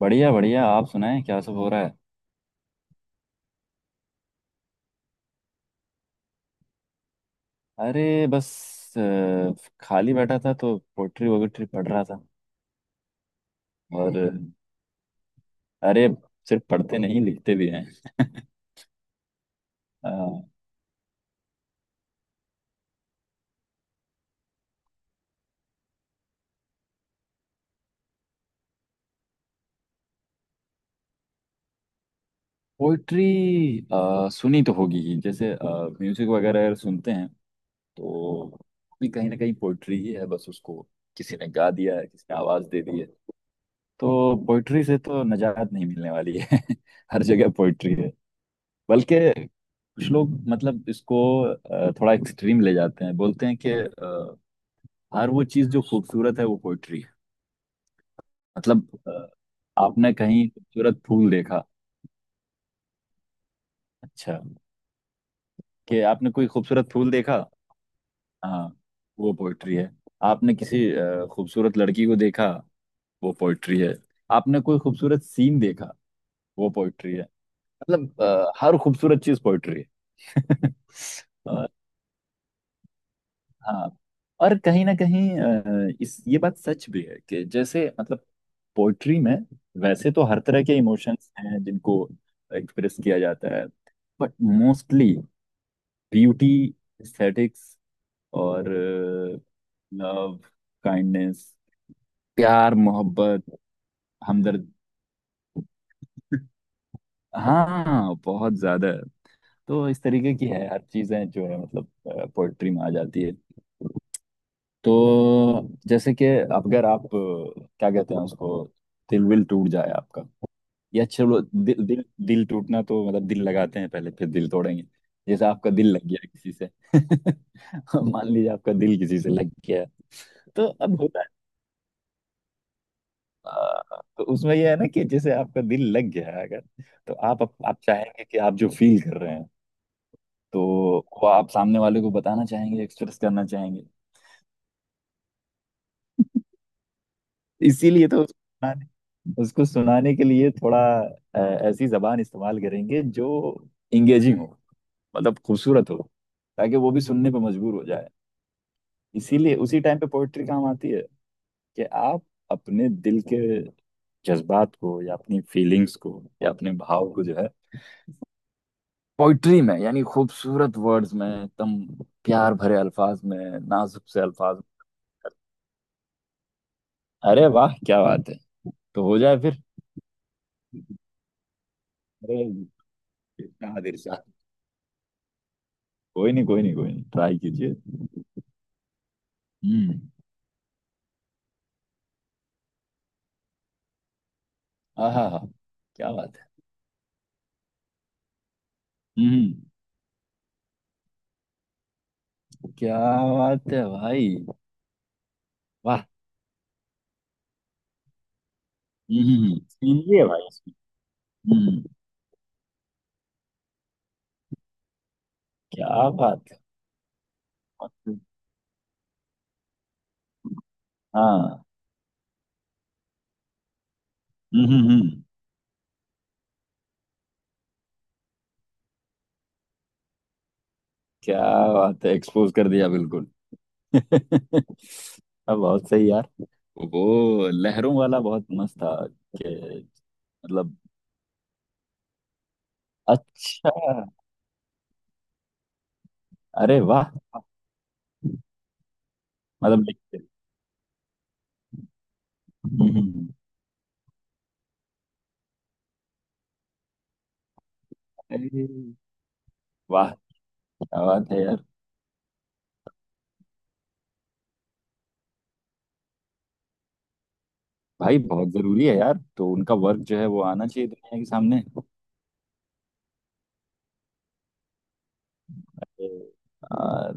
बढ़िया बढ़िया। आप सुनाएं क्या सब हो रहा है। अरे बस अ, खाली बैठा था तो पोइट्री वोट्री पढ़ रहा था। और अ, अरे सिर्फ पढ़ते नहीं, लिखते भी हैं। पोइट्री सुनी तो होगी ही, जैसे म्यूजिक वगैरह अगर सुनते हैं तो भी कहीं ना कहीं पोइट्री ही है, बस उसको किसी ने गा दिया है, किसी ने आवाज दे दी है। तो पोइट्री से तो निजात नहीं मिलने वाली है। हर जगह पोइट्री है। बल्कि कुछ लोग मतलब इसको थोड़ा एक्सट्रीम ले जाते हैं, बोलते हैं कि हर वो चीज जो खूबसूरत है वो पोइट्री है। मतलब आपने कहीं खूबसूरत फूल देखा। अच्छा कि आपने कोई खूबसूरत फूल देखा, हाँ, वो पोइट्री है। आपने किसी खूबसूरत लड़की को देखा, वो पोइट्री है। आपने कोई खूबसूरत सीन देखा, वो पोइट्री है। मतलब हर खूबसूरत चीज पोइट्री है। और हाँ, और कहीं ना कहीं अ, इस ये बात सच भी है कि जैसे मतलब पोइट्री में वैसे तो हर तरह के इमोशंस हैं जिनको एक्सप्रेस किया जाता है, बट मोस्टली ब्यूटी, एस्थेटिक्स, और लव, काइंडनेस, प्यार मोहब्बत, हमदर्द। हाँ बहुत ज्यादा। तो इस तरीके की है हर चीजें जो है मतलब पोइट्री में आ जाती है। तो जैसे कि अगर आप क्या कहते हैं उसको, दिल विल टूट जाए आपका, या चलो दिल दिल दिल टूटना तो मतलब दिल लगाते हैं पहले फिर दिल तोड़ेंगे। जैसे आपका दिल लग गया किसी से। मान लीजिए आपका दिल किसी से लग गया, तो अब होता है आ, तो उसमें यह है ना कि जैसे आपका दिल लग गया है अगर, तो आप चाहेंगे कि आप जो फील कर रहे हैं, तो वो आप सामने वाले को बताना चाहेंगे, एक्सप्रेस करना चाहेंगे। इसीलिए तो उसको सुनाने के लिए थोड़ा अ, ऐसी जबान इस्तेमाल करेंगे जो इंगेजिंग हो, मतलब खूबसूरत हो, ताकि वो भी सुनने पर मजबूर हो जाए। इसीलिए उसी टाइम पे पोइट्री काम आती है कि आप अपने दिल के जज्बात को, या अपनी फीलिंग्स को, या अपने भाव को जो है पोइट्री में यानी खूबसूरत वर्ड्स में, एकदम प्यार भरे अल्फाज में, नाजुक से अल्फाज में। अरे वाह, क्या बात है। तो हो जाए फिर। अरे, इरशाद इरशाद। कोई नहीं कोई नहीं कोई नहीं, ट्राई कीजिए। हम्म। आहा हा। क्या बात है। हम्म। क्या बात है भाई। वाह। हम्म, सुनिए भाई। हम्म। क्या बात है। हाँ। हम्म हम्म हम्म। क्या बात है, एक्सपोज कर दिया बिल्कुल। अब बहुत सही यार, वो लहरों वाला बहुत मस्त था। कि मतलब। अच्छा। अरे वाह। मतलब लिखते। हम्म। अरे वाह, क्या बात है यार। भाई बहुत जरूरी है यार, तो उनका वर्क जो है वो आना चाहिए दुनिया के सामने। हम्म। आ,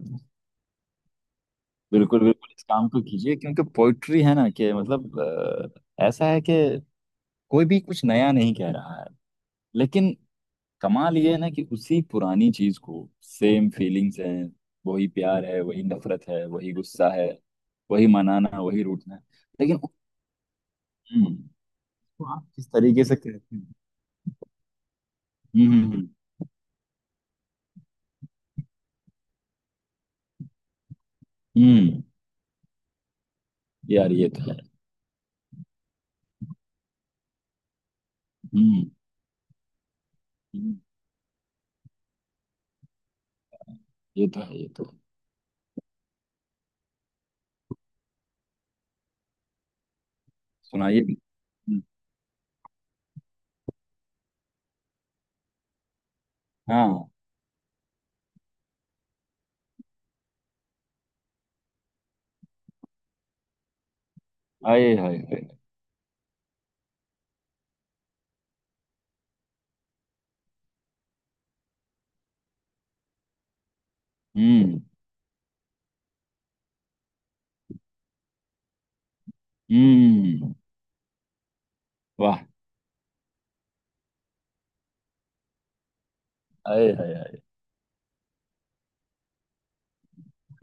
बिल्कुल बिल्कुल, इस काम को कीजिए, क्योंकि पोइट्री है ना कि मतलब ऐसा है कि कोई भी कुछ नया नहीं कह रहा है। लेकिन कमाल ये है ना कि उसी पुरानी चीज को सेम फीलिंग्स हैं, वही प्यार है, वही नफरत है, वही गुस्सा है, वही मनाना वही रूठना है। लेकिन। हम्म। तो आप किस तरीके से कहते हैं। हम्म। हम्म। यार ये तो है। हम्म हम्म। ये तो है, ये तो है। सुनाइए। हाँ। आए हाय हाय। हम्म। हम्म। वाह। आए हाय हाय।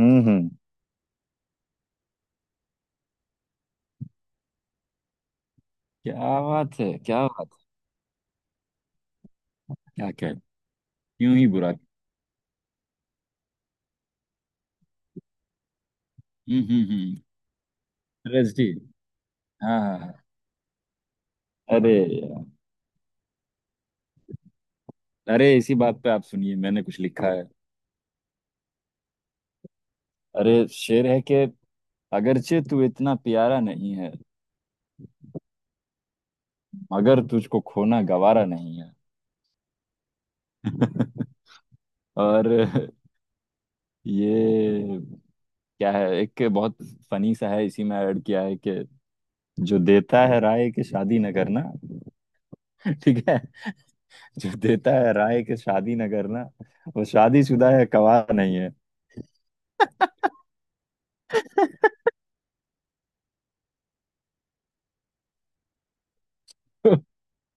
हम्म। क्या बात है, क्या बात है। क्या क्या, क्यों ही बुरा। हम्म। रस जी। हाँ हाँ हाँ। अरे यार। अरे इसी बात पे आप सुनिए, मैंने कुछ लिखा है। अरे शेर है कि अगरचे तू इतना प्यारा नहीं है, मगर तुझको खोना गवारा नहीं है। और ये क्या है, एक बहुत फनी सा है, इसी में ऐड किया है कि जो देता है राय के शादी न करना। ठीक है, जो देता है राय के शादी न करना, वो शादीशुदा है गवाह नहीं है।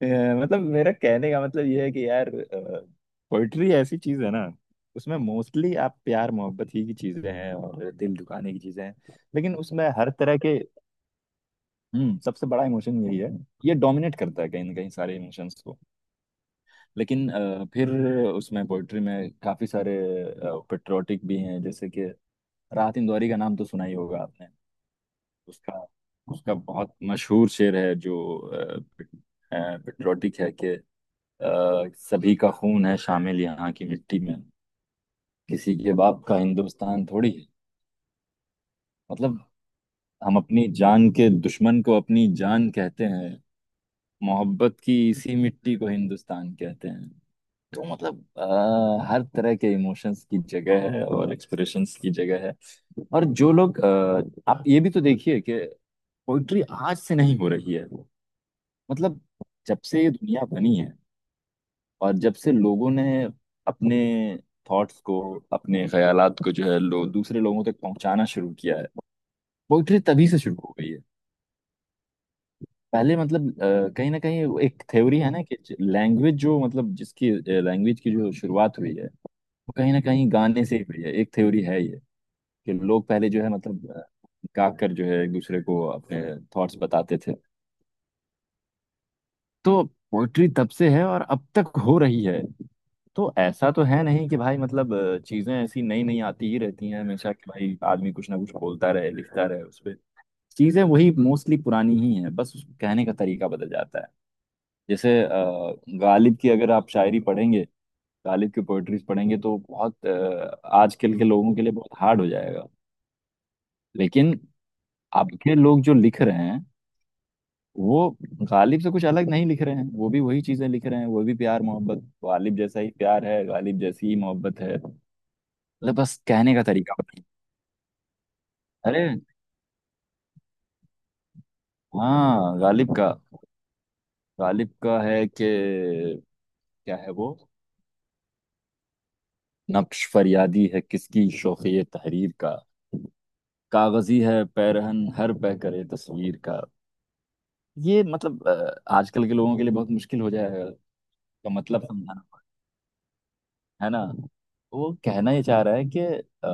अ, मतलब मेरा कहने का मतलब ये है कि यार पोइट्री ऐसी चीज है ना, उसमें मोस्टली आप प्यार मोहब्बत ही की चीजें हैं और दिल दुखाने की चीजें हैं। लेकिन उसमें हर तरह के। हम्म, सबसे बड़ा इमोशन यही है, ये डोमिनेट करता है कहीं ना कहीं सारे इमोशंस को। लेकिन फिर उसमें पोइट्री में काफी सारे पेट्रोटिक भी हैं, जैसे कि राहत इंदौरी का नाम तो सुना ही होगा आपने। उसका उसका बहुत मशहूर शेर है जो पेट्रोटिक है कि सभी का खून है शामिल यहाँ की मिट्टी में, किसी के बाप का हिंदुस्तान थोड़ी है। मतलब हम अपनी जान के दुश्मन को अपनी जान कहते हैं, मोहब्बत की इसी मिट्टी को हिंदुस्तान कहते हैं। तो मतलब हर तरह के इमोशंस की जगह है और एक्सप्रेशंस की जगह है। और जो लोग आप ये भी तो देखिए कि पोइट्री आज से नहीं हो रही है वो, मतलब जब से ये दुनिया बनी है और जब से लोगों ने अपने थॉट्स को, अपने ख्यालात को जो है लो दूसरे लोगों तक पहुंचाना शुरू किया है, पोइट्री तभी से शुरू हो गई है। पहले मतलब कहीं ना कहीं वो एक थ्योरी है ना कि लैंग्वेज की जो शुरुआत हुई है, वो कहीं ना कहीं गाने से ही हुई है, एक थ्योरी है ये कि लोग पहले जो है मतलब गाकर जो है एक दूसरे को अपने थॉट्स बताते थे। तो पोइट्री तब से है और अब तक हो रही है। तो ऐसा तो है नहीं कि भाई मतलब चीजें ऐसी नई नई आती ही रहती हैं हमेशा कि भाई आदमी कुछ ना कुछ बोलता रहे लिखता रहे उस पे। चीजें वही मोस्टली पुरानी ही हैं, बस उसको कहने का तरीका बदल जाता है। जैसे गालिब की अगर आप शायरी पढ़ेंगे, गालिब की पोइट्रीज पढ़ेंगे तो बहुत आजकल के लोगों के लिए बहुत हार्ड हो जाएगा। लेकिन अब के लोग जो लिख रहे हैं वो गालिब से कुछ अलग नहीं लिख रहे हैं, वो भी वही चीजें लिख रहे हैं, वो भी प्यार मोहब्बत, गालिब जैसा ही प्यार है, गालिब जैसी ही मोहब्बत है। मतलब बस कहने का तरीका बदल-। अरे हाँ गालिब का, गालिब का है कि क्या है वो, नक्श फरियादी है किसकी शोखी तहरीर का, कागजी है पैरहन हर पह करे तस्वीर का। ये मतलब आजकल के लोगों के लिए बहुत मुश्किल हो जाएगा। का मतलब समझाना है ना, वो कहना ये चाह रहा है कि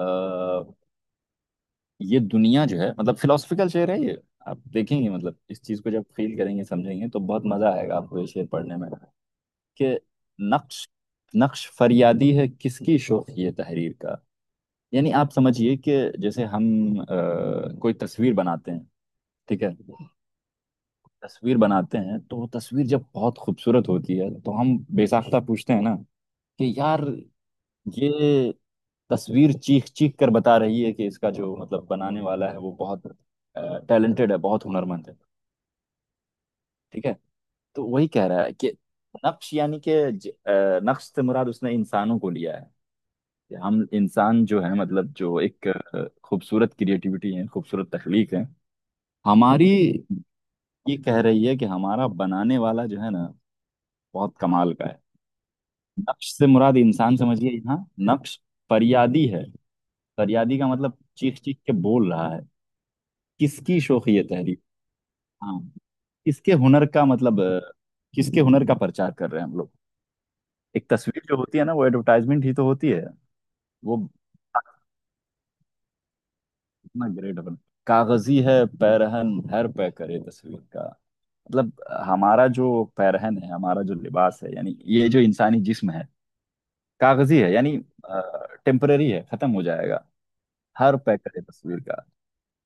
ये दुनिया जो है मतलब फिलोसफिकल शेर है ये, आप देखेंगे मतलब इस चीज को जब फील करेंगे समझेंगे तो बहुत मजा आएगा आपको ये शेर पढ़ने में। कि नक्श नक्श फरियादी है किसकी शोख ये तहरीर का, यानी आप समझिए कि जैसे हम अ, कोई तस्वीर बनाते हैं, ठीक है, तस्वीर बनाते हैं तो वो तस्वीर जब बहुत खूबसूरत होती है तो हम बेसाख्ता पूछते हैं ना कि यार ये तस्वीर चीख चीख कर बता रही है कि इसका जो मतलब बनाने वाला है वो बहुत टैलेंटेड है, बहुत हुनरमंद है। ठीक है। तो वही कह रहा है कि नक्श यानी कि नक्श से मुराद उसने इंसानों को लिया है कि हम इंसान जो है मतलब जो एक खूबसूरत क्रिएटिविटी है, खूबसूरत तख्लीक है हमारी, ये कह रही है कि हमारा बनाने वाला जो है ना बहुत कमाल का है। नक्श से मुराद इंसान समझिए यहाँ। नक्श फरियादी है, फरियादी का मतलब चीख चीख के बोल रहा है। किसकी शोख ये तहरीर। हाँ, किसके हुनर का, मतलब किसके हुनर का प्रचार कर रहे हैं हम लोग। एक तस्वीर जो होती है ना वो एडवर्टाइजमेंट ही तो होती है। वो इतना ग्रेट अपन। कागजी है पैरहन हर पे करे तस्वीर का, मतलब हमारा जो पैरहन है, हमारा जो लिबास है, यानी ये जो इंसानी जिस्म है, कागजी है, यानी टेम्पररी है, खत्म हो जाएगा। हर पे करे तस्वीर का,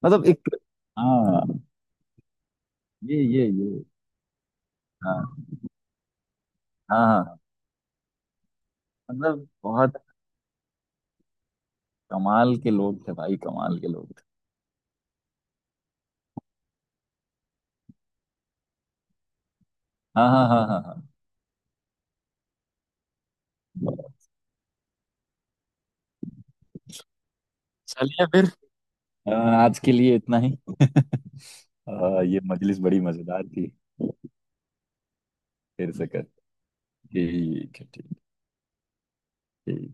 मतलब एक। हाँ, ये, हाँ, हाँ हाँ हाँ। मतलब बहुत कमाल के लोग थे भाई, कमाल के लोग थे। हाँ हाँ हाँ हाँ हाँ। चलिए फिर, अ, आज के लिए इतना ही। ये मजलिस बड़ी मजेदार थी। फिर से कर। ठीक है, ठीक ठीक।